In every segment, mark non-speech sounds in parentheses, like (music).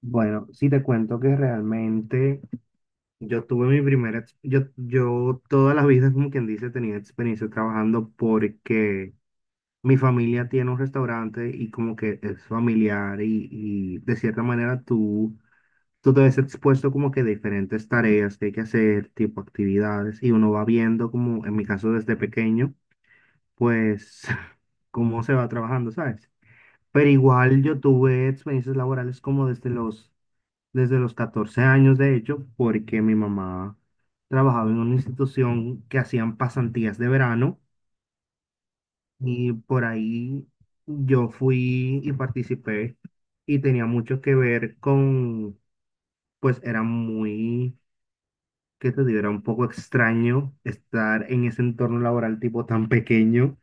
Bueno, sí te cuento que realmente yo tuve mi primera, ex- yo todas las vidas, como quien dice, tenía experiencia trabajando porque mi familia tiene un restaurante y como que es familiar y de cierta manera tú te ves expuesto como que a diferentes tareas que hay que hacer, tipo actividades, y uno va viendo como, en mi caso desde pequeño, pues (laughs) cómo se va trabajando, ¿sabes? Pero igual yo tuve experiencias laborales como desde los 14 años, de hecho, porque mi mamá trabajaba en una institución que hacían pasantías de verano y por ahí yo fui y participé y tenía mucho que ver con, pues era muy, que te digo, era un poco extraño estar en ese entorno laboral tipo tan pequeño,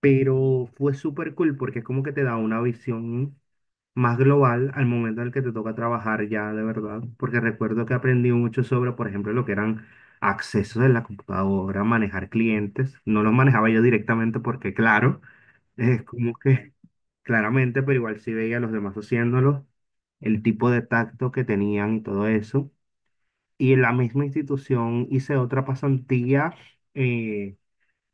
pero fue súper cool porque es como que te da una visión más global al momento en el que te toca trabajar ya de verdad, porque recuerdo que aprendí mucho sobre, por ejemplo, lo que eran accesos de la computadora, manejar clientes. No los manejaba yo directamente porque, claro, es como que claramente, pero igual sí veía a los demás haciéndolo, el tipo de tacto que tenían y todo eso. Y en la misma institución hice otra pasantía eh,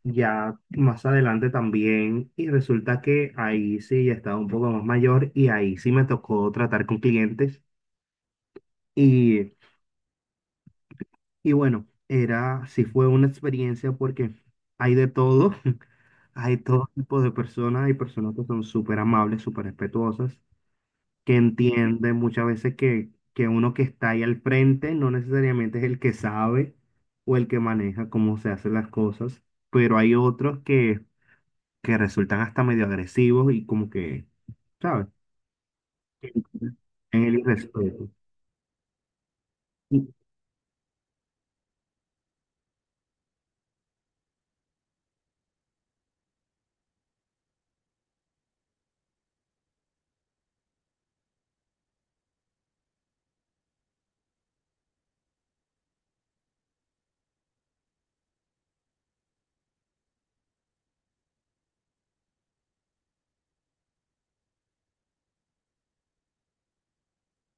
ya más adelante también y resulta que ahí sí ya estaba un poco más mayor y ahí sí me tocó tratar con clientes y, y bueno, era, sí fue una experiencia porque hay de todo, (laughs) hay todo tipo de personas, hay personas que son súper amables, súper respetuosas, que entienden muchas veces que uno que está ahí al frente no necesariamente es el que sabe o el que maneja cómo se hacen las cosas, pero hay otros que resultan hasta medio agresivos y como que, ¿sabes? En el irrespeto. Sí,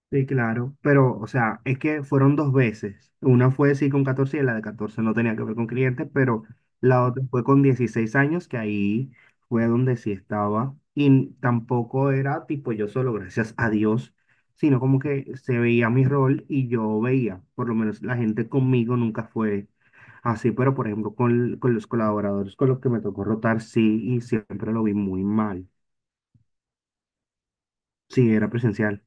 sí, claro, pero, o sea, es que fueron dos veces. Una fue sí con 14 y la de 14 no tenía que ver con clientes, pero la otra fue con 16 años, que ahí fue donde sí estaba. Y tampoco era tipo yo solo, gracias a Dios, sino como que se veía mi rol y yo veía, por lo menos la gente conmigo nunca fue así, pero por ejemplo, con los colaboradores con los que me tocó rotar, sí, y siempre lo vi muy mal. Sí, era presencial.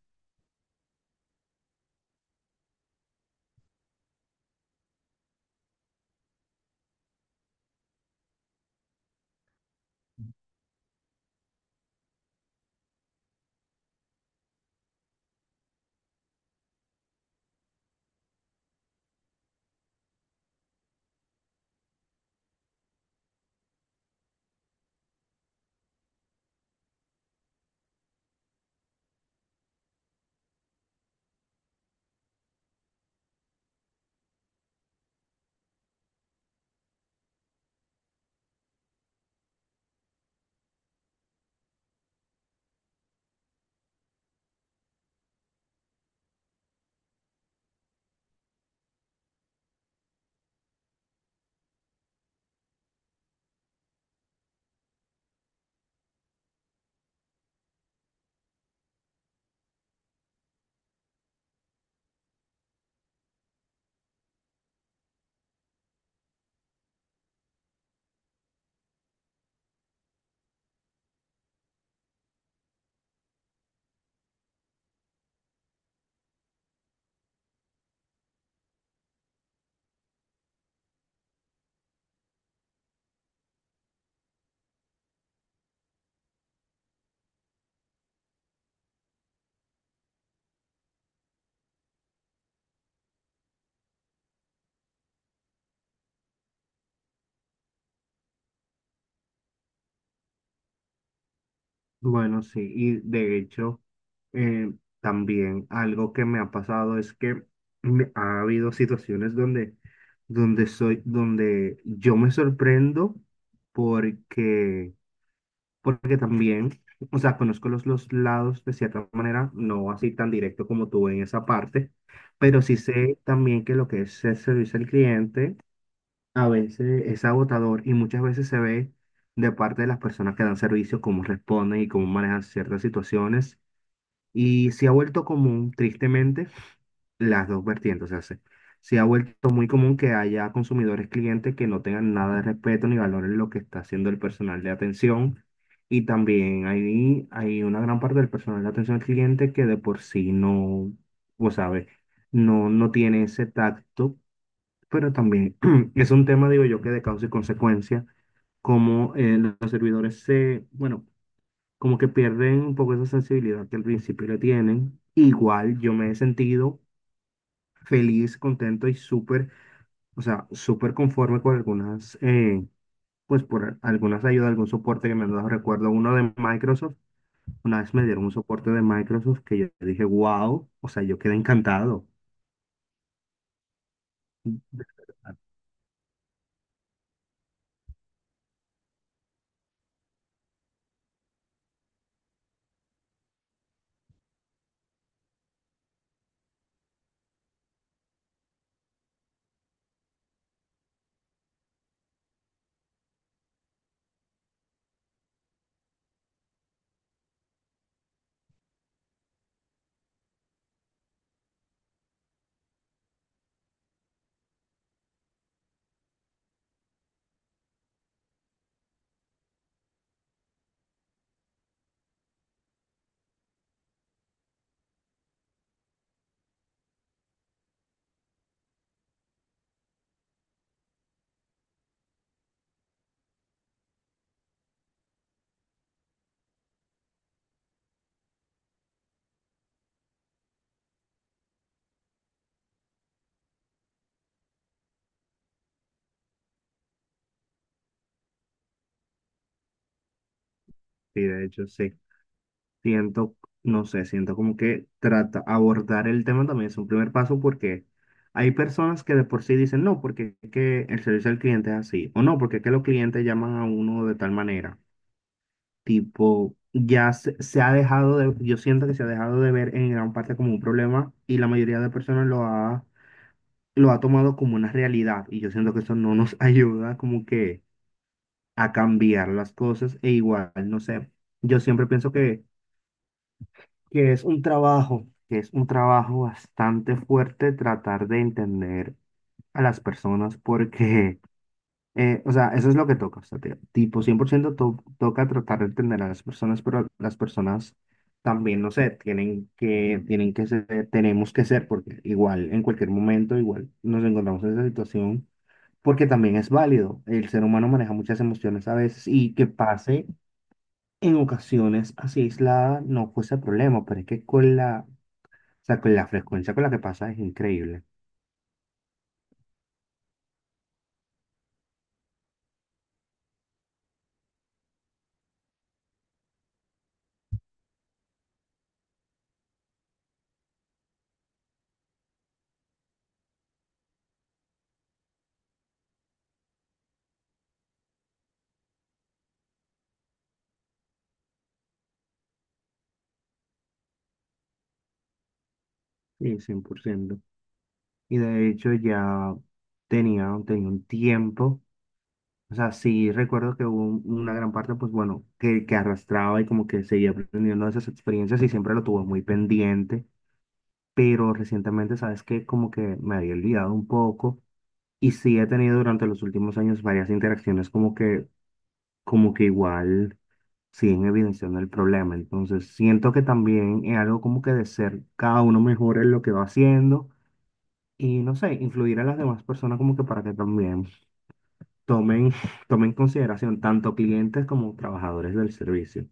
Bueno, sí, y de hecho, eh, también algo que me ha pasado es que ha habido situaciones donde, donde soy, donde yo me sorprendo porque, porque también, o sea, conozco los lados de cierta manera, no así tan directo como tú en esa parte, pero sí sé también que lo que es el servicio al cliente a veces es agotador y muchas veces se ve de parte de las personas que dan servicio cómo responden y cómo manejan ciertas situaciones. Y se ha vuelto común, tristemente, las dos vertientes. O sea, se ha vuelto muy común que haya consumidores, clientes que no tengan nada de respeto ni valoren lo que está haciendo el personal de atención. Y también hay una gran parte del personal de atención al cliente que de por sí no, vos sabes, no, no tiene ese tacto pero también (clears throat) es un tema, digo yo, que de causa y consecuencia, como los servidores se, bueno, como que pierden un poco esa sensibilidad que al principio le tienen. Igual yo me he sentido feliz, contento y súper, o sea, súper conforme con algunas, pues por algunas ayudas, algún soporte que me han dado. Recuerdo uno de Microsoft, una vez me dieron un soporte de Microsoft que yo dije, wow, o sea, yo quedé encantado. Y de hecho, sí. Siento, no sé, siento como que trata, abordar el tema también es un primer paso porque hay personas que de por sí dicen no, porque es que el servicio al cliente es así, o no, porque es que los clientes llaman a uno de tal manera. Tipo, ya se ha dejado de, yo siento que se ha dejado de ver en gran parte como un problema y la mayoría de personas lo ha tomado como una realidad y yo siento que eso no nos (laughs) ayuda como que a cambiar las cosas e igual, no sé, yo siempre pienso que es un trabajo, que es un trabajo bastante fuerte tratar de entender a las personas porque, o sea, eso es lo que toca, o sea, tipo 100% toca tratar de entender a las personas, pero las personas también, no sé, tienen que ser, tenemos que ser, porque igual en cualquier momento, igual nos encontramos en esa situación, porque también es válido, el ser humano maneja muchas emociones a veces y que pase en ocasiones así aislada no fuese problema, pero es que con la o sea, que la frecuencia con la que pasa es increíble. Sí, cien por ciento. Y de hecho ya tenía un tiempo. O sea, sí recuerdo que hubo una gran parte, pues bueno, que arrastraba y como que seguía aprendiendo de esas experiencias y siempre lo tuve muy pendiente. Pero recientemente, ¿sabes qué? Como que me había olvidado un poco. Y sí he tenido durante los últimos años varias interacciones como que igual siguen evidenciando el problema. Entonces, siento que también es algo como que de ser cada uno mejor en lo que va haciendo y no sé, influir a las demás personas como que para que también tomen, (laughs) tomen en consideración tanto clientes como trabajadores del servicio.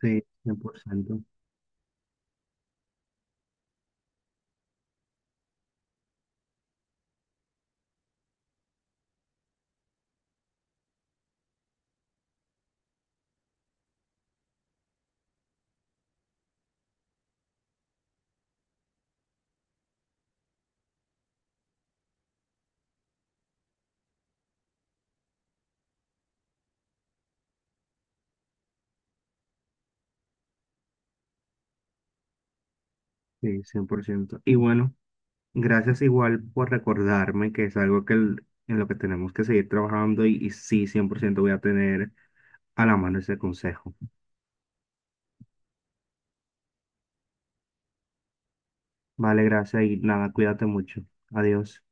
Sí, cien por ciento. Sí, cien por ciento. Y bueno, gracias igual por recordarme que es algo que en lo que tenemos que seguir trabajando y sí, 100% voy a tener a la mano ese consejo. Vale, gracias y nada, cuídate mucho. Adiós.